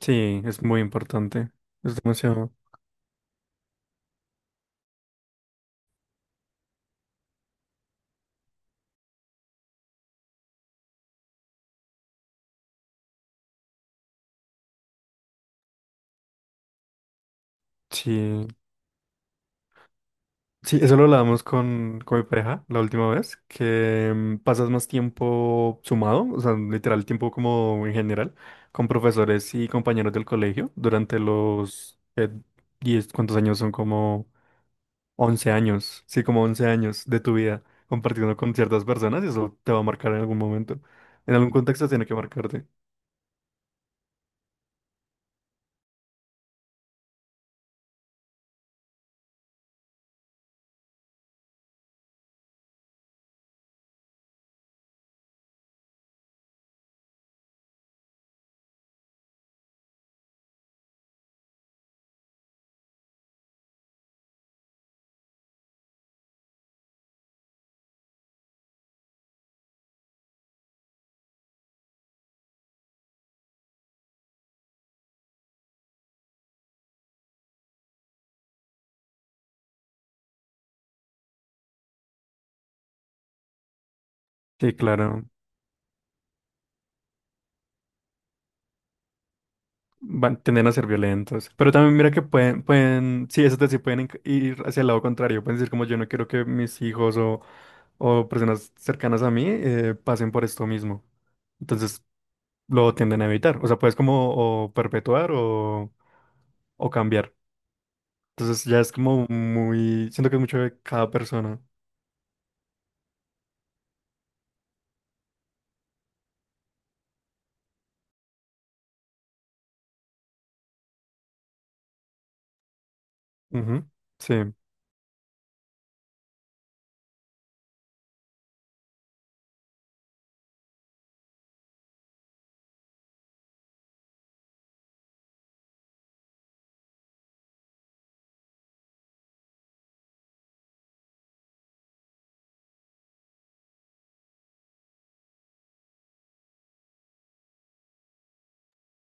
Sí, es muy importante. Es demasiado. Sí, sí, eso lo hablábamos con mi pareja la última vez, que pasas más tiempo sumado, o sea, literal tiempo como en general, con profesores y compañeros del colegio durante los 10, ¿cuántos años son? Como 11 años, sí, como 11 años de tu vida compartiendo con ciertas personas y eso te va a marcar en algún momento. En algún contexto tiene que marcarte. Sí, claro. Van, tienden a ser violentos. Pero también mira que pueden, sí, eso sí pueden ir hacia el lado contrario. Pueden decir como yo no quiero que mis hijos o, personas cercanas a mí pasen por esto mismo. Entonces lo tienden a evitar. O sea, puedes como o perpetuar o, cambiar. Entonces ya es como muy, siento que es mucho de cada persona. Ujú. Sí,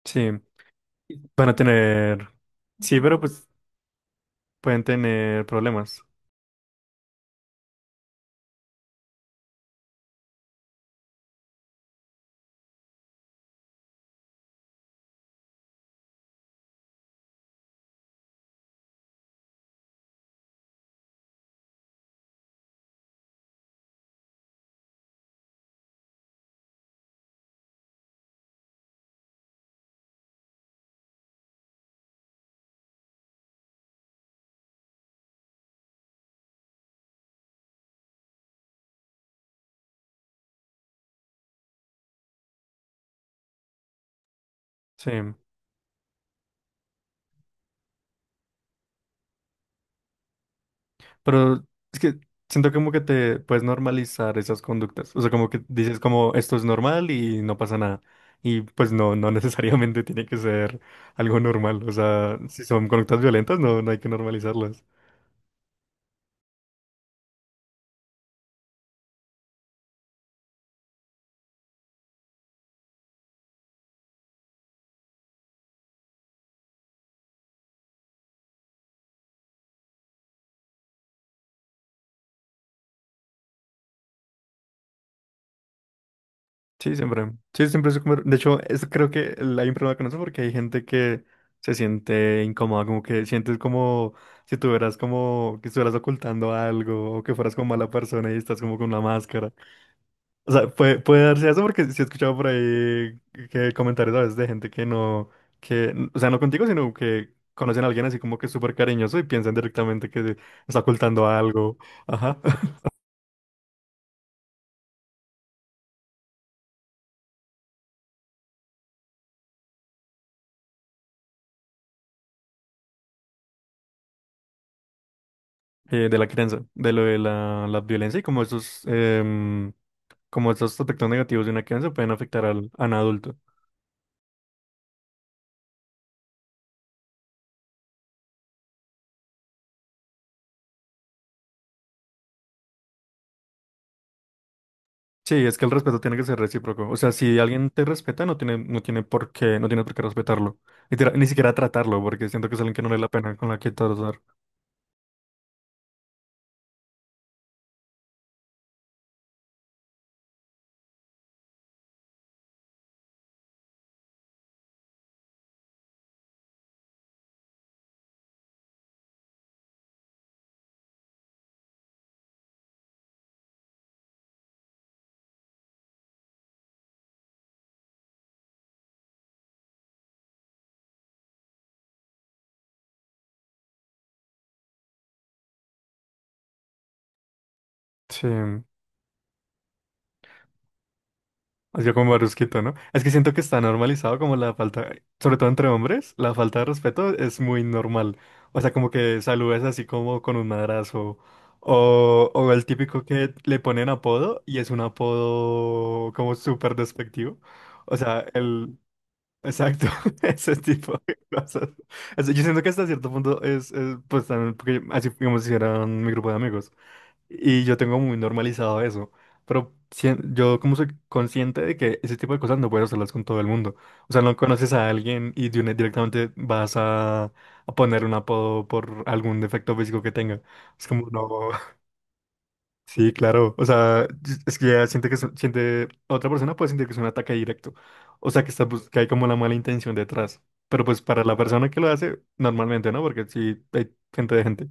sí. Van a tener, sí, pero pues pueden tener problemas. Sí. Pero es que siento como que te puedes normalizar esas conductas. O sea, como que dices como esto es normal y no pasa nada. Y pues no, no necesariamente tiene que ser algo normal. O sea, si son conductas violentas, no, no hay que normalizarlas. Sí, siempre. Sí, siempre es como... De hecho, es, creo que hay un problema con eso porque hay gente que se siente incómoda, como que sientes como si tuvieras como que estuvieras ocultando algo o que fueras como mala persona y estás como con una máscara. O sea, puede darse eso porque sí he escuchado por ahí que comentarios a veces de gente que no, o sea, no contigo, sino que conocen a alguien así como que súper cariñoso y piensan directamente que está ocultando algo, ajá. De la crianza, de lo de la violencia y como esos, como esos aspectos negativos de una crianza pueden afectar al, a un adulto. Sí, es que el respeto tiene que ser recíproco. O sea, si alguien te respeta, no tiene, no tiene por qué respetarlo. Ni siquiera tratarlo, porque siento que es alguien que no le da la pena con la que tratar. Sí, hacía como barusquito, ¿no? Es que siento que está normalizado como la falta, sobre todo entre hombres, la falta de respeto es muy normal. O sea, como que saludes así como con un madrazo. O el típico que le ponen apodo y es un apodo como súper despectivo. O sea, exacto, ese tipo de cosas. O sea, yo siento que hasta cierto punto es, pues también, porque así como si era mi grupo de amigos. Y yo tengo muy normalizado eso. Pero yo como soy consciente de que ese tipo de cosas no puedes hacerlas con todo el mundo. O sea, no conoces a alguien y de directamente vas a poner un apodo por algún defecto físico que tenga. Es como, no. Sí, claro. O sea, es que ya siente, otra persona puede sentir que es un ataque directo. O sea, que, está, que hay como la mala intención detrás. Pero pues para la persona que lo hace, normalmente, ¿no? Porque sí hay gente de gente,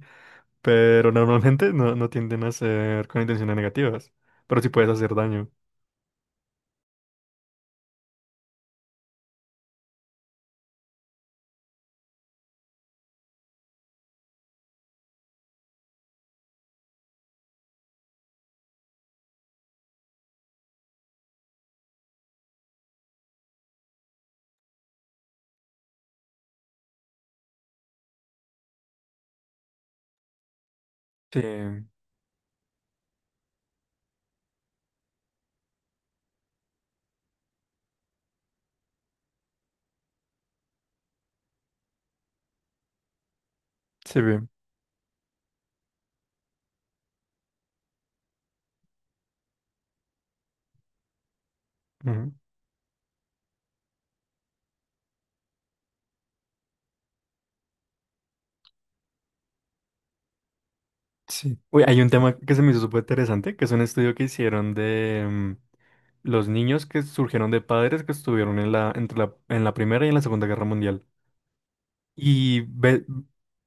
pero normalmente no tienden a ser con intenciones negativas, pero sí puedes hacer daño. Sí, sí, bien. Ujú. Sí. Uy, hay un tema que se me hizo súper interesante, que es un estudio que hicieron de los niños que surgieron de padres que estuvieron en la Primera y en la Segunda Guerra Mundial. Y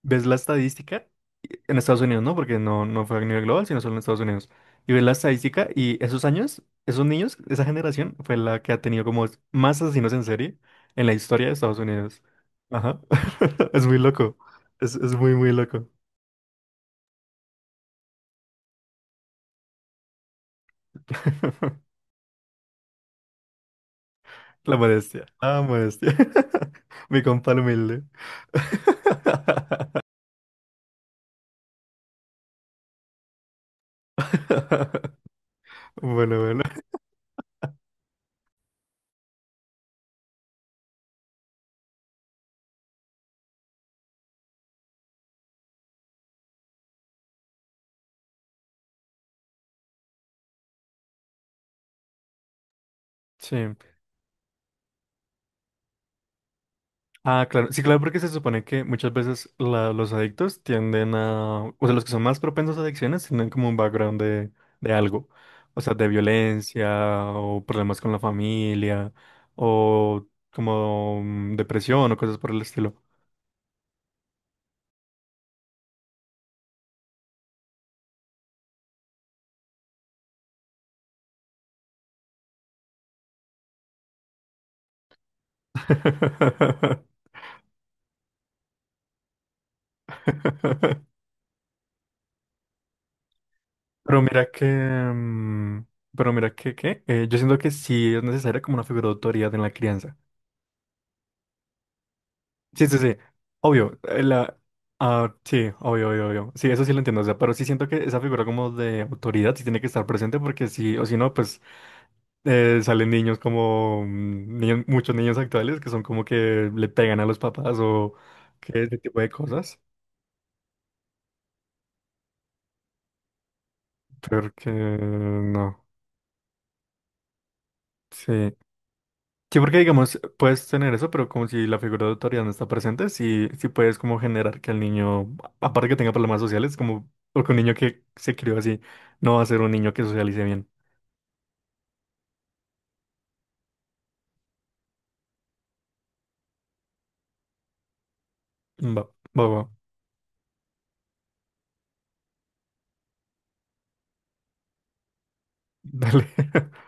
ves la estadística en Estados Unidos, ¿no? Porque no fue a nivel global, sino solo en Estados Unidos. Y ves la estadística y esos años, esos niños, esa generación fue la que ha tenido como más asesinos en serie en la historia de Estados Unidos. Ajá. Es muy loco. Es muy, muy loco. La modestia. La modestia. Mi compa el humilde. Bueno, bueno. Sí. Ah, claro. Sí, claro, porque se supone que muchas veces los adictos tienden a, o sea, los que son más propensos a adicciones tienen como un background de algo, o sea, de violencia o problemas con la familia o como depresión o cosas por el estilo. Pero mira que, mm, pero mira que, ¿qué? Yo siento que sí es necesaria como una figura de autoridad en la crianza. Sí, sí, sí. Obvio. Ah, sí, obvio, obvio, obvio. Sí, eso sí lo entiendo. O sea, pero sí siento que esa figura como de autoridad sí tiene que estar presente porque sí, o si no, pues salen niños como muchos niños actuales que son como que le pegan a los papás o que ese tipo de cosas. Porque no. Sí. Sí, porque digamos, puedes tener eso, pero como si la figura de autoridad no está presente, sí, sí puedes como generar que el niño, aparte que tenga problemas sociales, como porque un niño que se crió así no va a ser un niño que socialice bien. Va, va, va. Dale.